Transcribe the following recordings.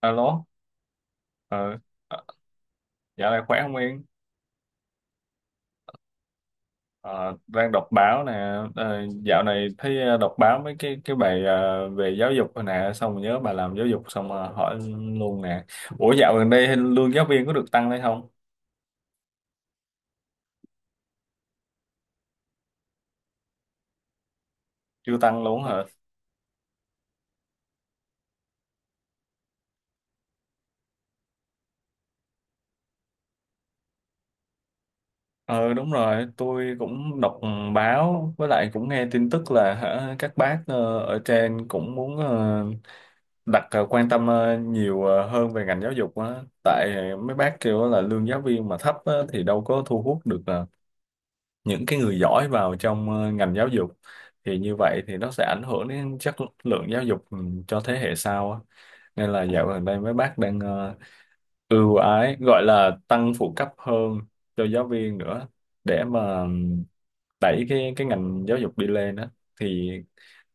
Alo, ờ, ờ, dạo này khỏe không Yên? Ờ, đang đọc báo nè, dạo này thấy đọc báo mấy cái bài về giáo dục rồi nè, xong rồi nhớ bà làm giáo dục xong hỏi luôn nè. Ủa dạo gần đây lương giáo viên có được tăng hay không? Chưa tăng luôn hả? Ờ đúng rồi, tôi cũng đọc báo với lại cũng nghe tin tức là hả, các bác ở trên cũng muốn đặt quan tâm nhiều hơn về ngành giáo dục á, tại mấy bác kêu là lương giáo viên mà thấp á, thì đâu có thu hút được những cái người giỏi vào trong ngành giáo dục, thì như vậy thì nó sẽ ảnh hưởng đến chất lượng giáo dục cho thế hệ sau á. Nên là dạo gần đây mấy bác đang ưu ái gọi là tăng phụ cấp hơn cho giáo viên nữa để mà đẩy cái ngành giáo dục đi lên đó, thì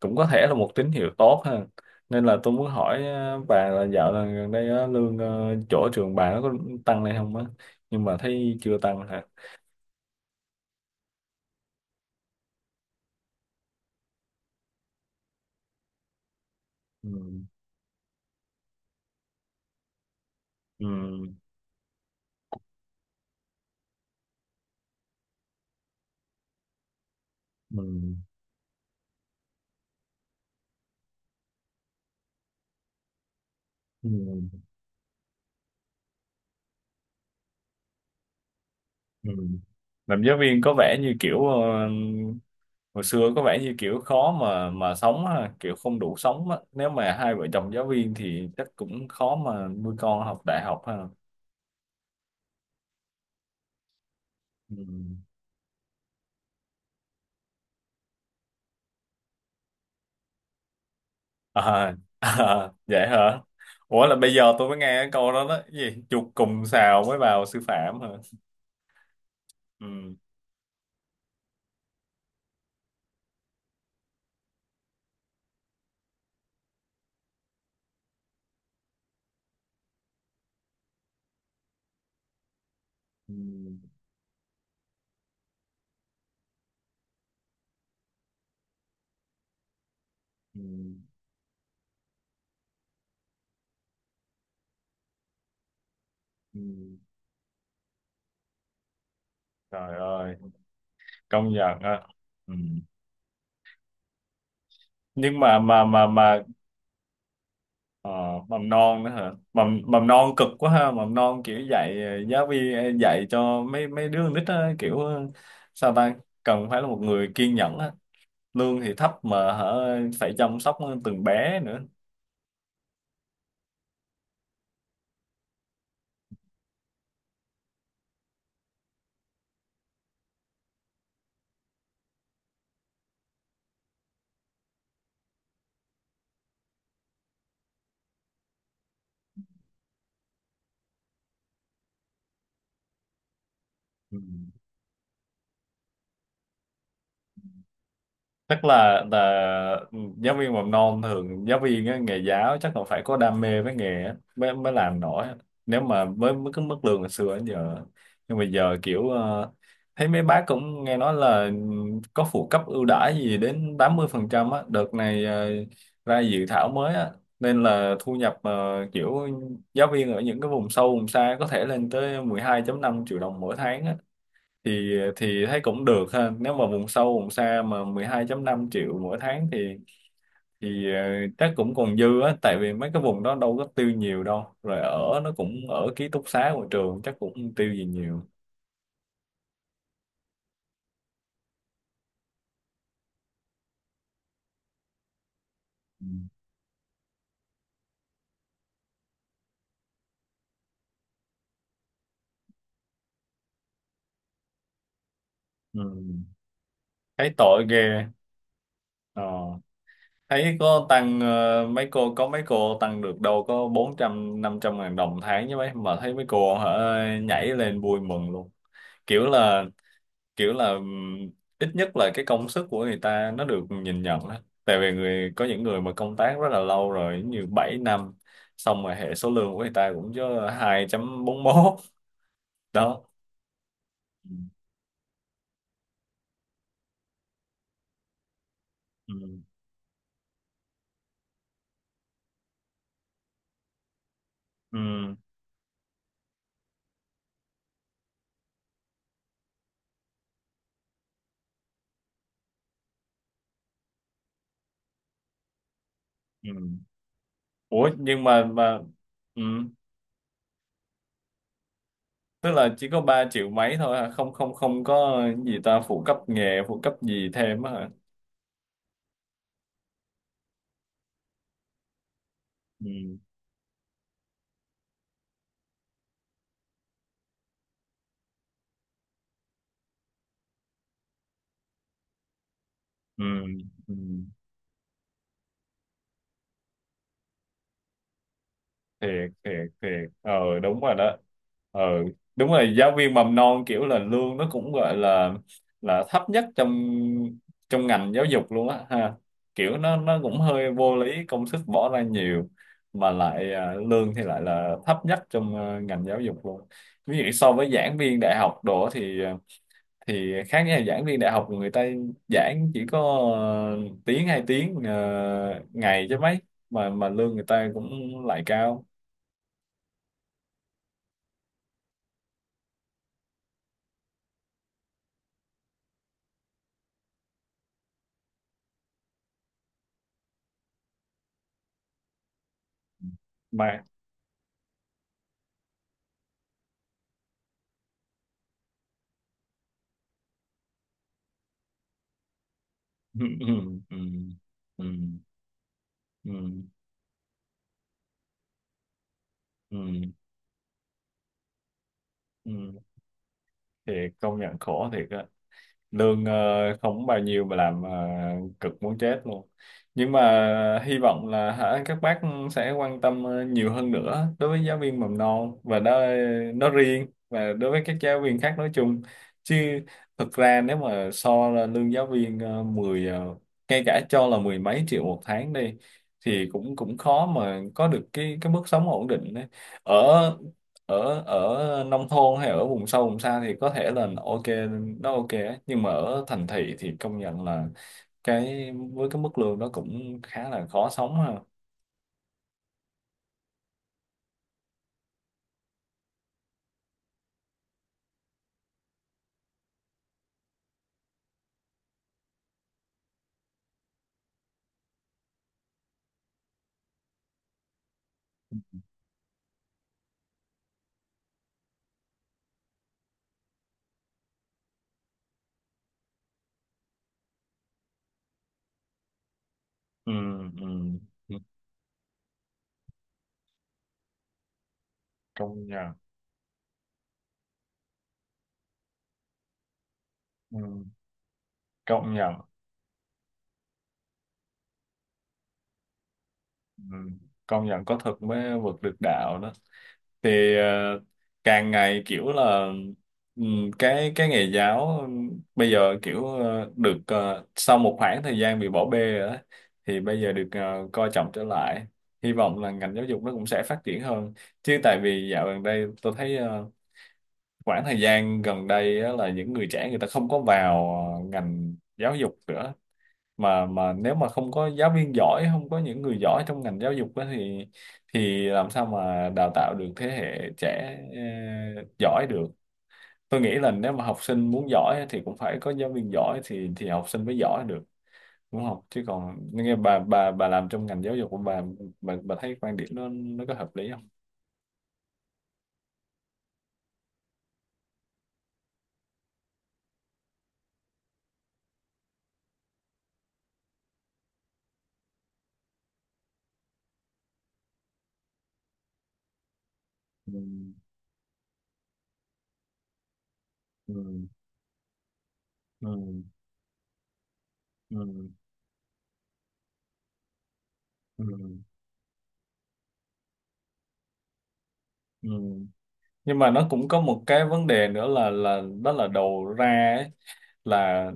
cũng có thể là một tín hiệu tốt ha. Nên là tôi muốn hỏi bà là dạo là gần đây á, lương chỗ trường bà nó có tăng lên không á, nhưng mà thấy chưa tăng hả? Ừ. Ừ. Ừ. Ừ. Ừ. Làm giáo viên có vẻ như kiểu hồi xưa có vẻ như kiểu khó mà sống ha, kiểu không đủ sống á, nếu mà hai vợ chồng giáo viên thì chắc cũng khó mà nuôi con học đại học ha. Ừ. À, à, vậy hả? Ủa là bây giờ tôi mới nghe cái câu đó đó. Cái gì? Chuột cùng sào mới vào sư phạm hả? Ừ. Ừ. Ừ. Ừ. Trời ơi, công nhận á. Ừ. Nhưng mà ờ, mầm non nữa hả? Mầm mầm non cực quá ha, mầm non kiểu dạy giáo viên dạy cho mấy mấy đứa con nít á, kiểu sao ta, cần phải là một người kiên nhẫn á. Lương thì thấp mà hả, phải chăm sóc từng bé nữa. Ừ. Chắc là giáo viên mầm non thường giáo viên á, nghề giáo chắc là phải có đam mê với nghề á, mới mới làm nổi á. Nếu mà với cái mức lương hồi xưa đến giờ, nhưng mà giờ kiểu thấy mấy bác cũng nghe nói là có phụ cấp ưu đãi gì đến 80 phần trăm á, đợt này ra dự thảo mới á, nên là thu nhập kiểu giáo viên ở những cái vùng sâu vùng xa có thể lên tới 12 năm triệu đồng mỗi tháng, thì thấy cũng được ha, nếu mà vùng sâu vùng xa mà 12.5 triệu mỗi tháng thì chắc cũng còn dư á, tại vì mấy cái vùng đó đâu có tiêu nhiều đâu, rồi ở nó cũng ở ký túc xá của trường chắc cũng không tiêu gì nhiều. Ừ. Ừ. Thấy tội ghê ờ. Thấy có tăng mấy cô có mấy cô tăng được đâu có 400 500 ngàn đồng tháng với mấy, mà thấy mấy cô hả nhảy lên vui mừng luôn, kiểu là kiểu là ít nhất là cái công sức của người ta nó được nhìn nhận á, tại vì người có những người mà công tác rất là lâu rồi như 7 năm xong rồi hệ số lương của người ta cũng chứ 2.41 đó. Ừ. Ừ. Ừ. Ừ. Ủa nhưng mà ừ. Tức là chỉ có 3 triệu mấy thôi hả, không không không có gì ta, phụ cấp nghề phụ cấp gì thêm á hả? Ừ. Ừ. Ừ. thiệt thiệt thiệt ờ đúng rồi đó, ờ đúng rồi, giáo viên mầm non kiểu là lương nó cũng gọi là thấp nhất trong trong ngành giáo dục luôn á ha, kiểu nó cũng hơi vô lý, công sức bỏ ra nhiều mà lại à, lương thì lại là thấp nhất trong ngành giáo dục luôn, ví dụ so với giảng viên đại học đồ thì thì khác nha, giảng viên đại học người ta giảng chỉ có ờ, tiếng hai tiếng ngày chứ mấy, mà lương người ta cũng lại cao mà. Ừ, ừ, ừ, ừ, ừ, ừ, ừ. Thì công nhận khổ thiệt á. Lương không bao nhiêu mà làm cực muốn chết luôn, nhưng mà hy vọng là hả các bác sẽ quan tâm nhiều hơn nữa đối với giáo viên mầm non và đó nó riêng, và đối với các giáo viên khác nói chung. Chứ thực ra nếu mà so là lương giáo viên 10 ngay cả cho là mười mấy triệu một tháng đi thì cũng cũng khó mà có được cái mức sống ổn định đấy, ở ở ở nông thôn hay ở vùng sâu vùng xa thì có thể là ok, nó ok ấy. Nhưng mà ở thành thị thì công nhận là cái với cái mức lương đó cũng khá là khó sống ha. Ừ, ừ. Ừ. Công nhận ừ. Công nhận ừ. Công nhận có thực mới vượt được đạo đó. Thì càng ngày kiểu là cái nghề giáo bây giờ kiểu được sau một khoảng thời gian bị bỏ bê rồi đó, thì bây giờ được coi trọng trở lại, hy vọng là ngành giáo dục nó cũng sẽ phát triển hơn. Chứ tại vì dạo gần đây tôi thấy khoảng thời gian gần đây á, là những người trẻ người ta không có vào ngành giáo dục nữa, mà nếu mà không có giáo viên giỏi, không có những người giỏi trong ngành giáo dục á thì làm sao mà đào tạo được thế hệ trẻ giỏi được. Tôi nghĩ là nếu mà học sinh muốn giỏi á, thì cũng phải có giáo viên giỏi thì học sinh mới giỏi được, đúng không? Chứ còn nghe bà làm trong ngành giáo dục của bà, bà thấy quan điểm nó có hợp lý không? Ừ, ừ, ừ, ừ, ừ, ừ. Nhưng mà nó cũng có một cái vấn đề nữa là đó là đầu ra ấy, là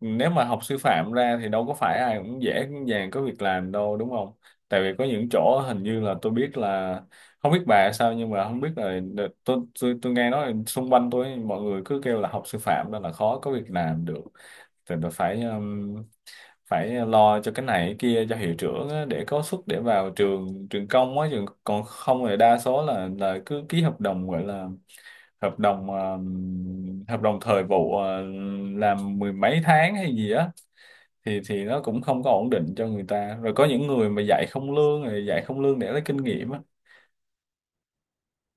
nếu mà học sư phạm ra thì đâu có phải ai cũng dễ cũng dàng có việc làm đâu đúng không? Tại vì có những chỗ hình như là tôi biết là, không biết bà sao nhưng mà không biết là tôi nghe nói là xung quanh tôi mọi người cứ kêu là học sư phạm nên là khó có việc làm được, thì tôi phải phải lo cho cái này cái kia cho hiệu trưởng á, để có suất để vào trường trường công á trường, còn không thì đa số là cứ ký hợp đồng gọi là hợp đồng thời vụ làm mười mấy tháng hay gì á, thì nó cũng không có ổn định cho người ta, rồi có những người mà dạy không lương, rồi dạy không lương để lấy kinh nghiệm á.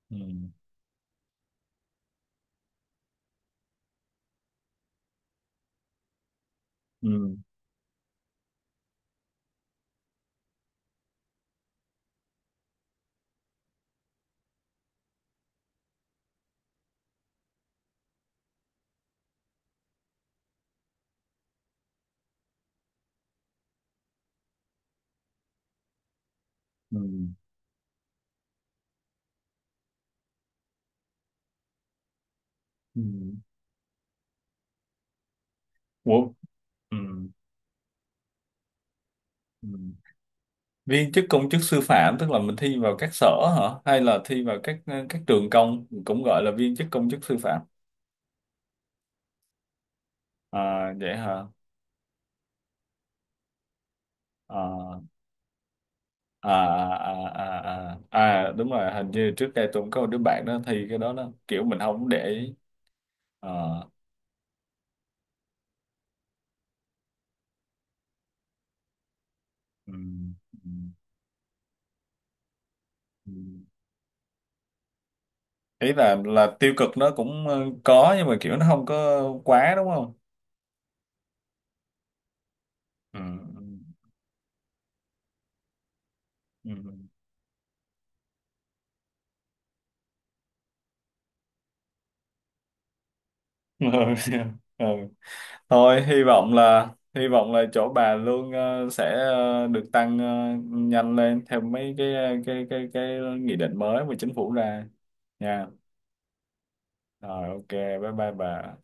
Ừ. Ừ. Ừ. Ừ. Ủa? Ừ. Ừ. Viên chức công chức sư phạm tức là mình thi vào các sở hả, hay là thi vào các các trường công cũng gọi là viên chức công chức sư phạm? À, vậy hả? À, à, à, à, à. À đúng rồi, hình như trước đây tôi cũng có một đứa bạn đó thi cái đó đó, kiểu mình không để ý. Ờ. Ừ. Ừ. Ừ. Ý là tiêu cực nó cũng có, nhưng mà kiểu nó không có quá đúng không? Ừ. Ừ. Ừ. Ừ. Thôi hy vọng là, hy vọng là chỗ bà lương sẽ được tăng nhanh lên theo mấy cái cái nghị định mới mà chính phủ ra nha. Rồi ok bye bye bà.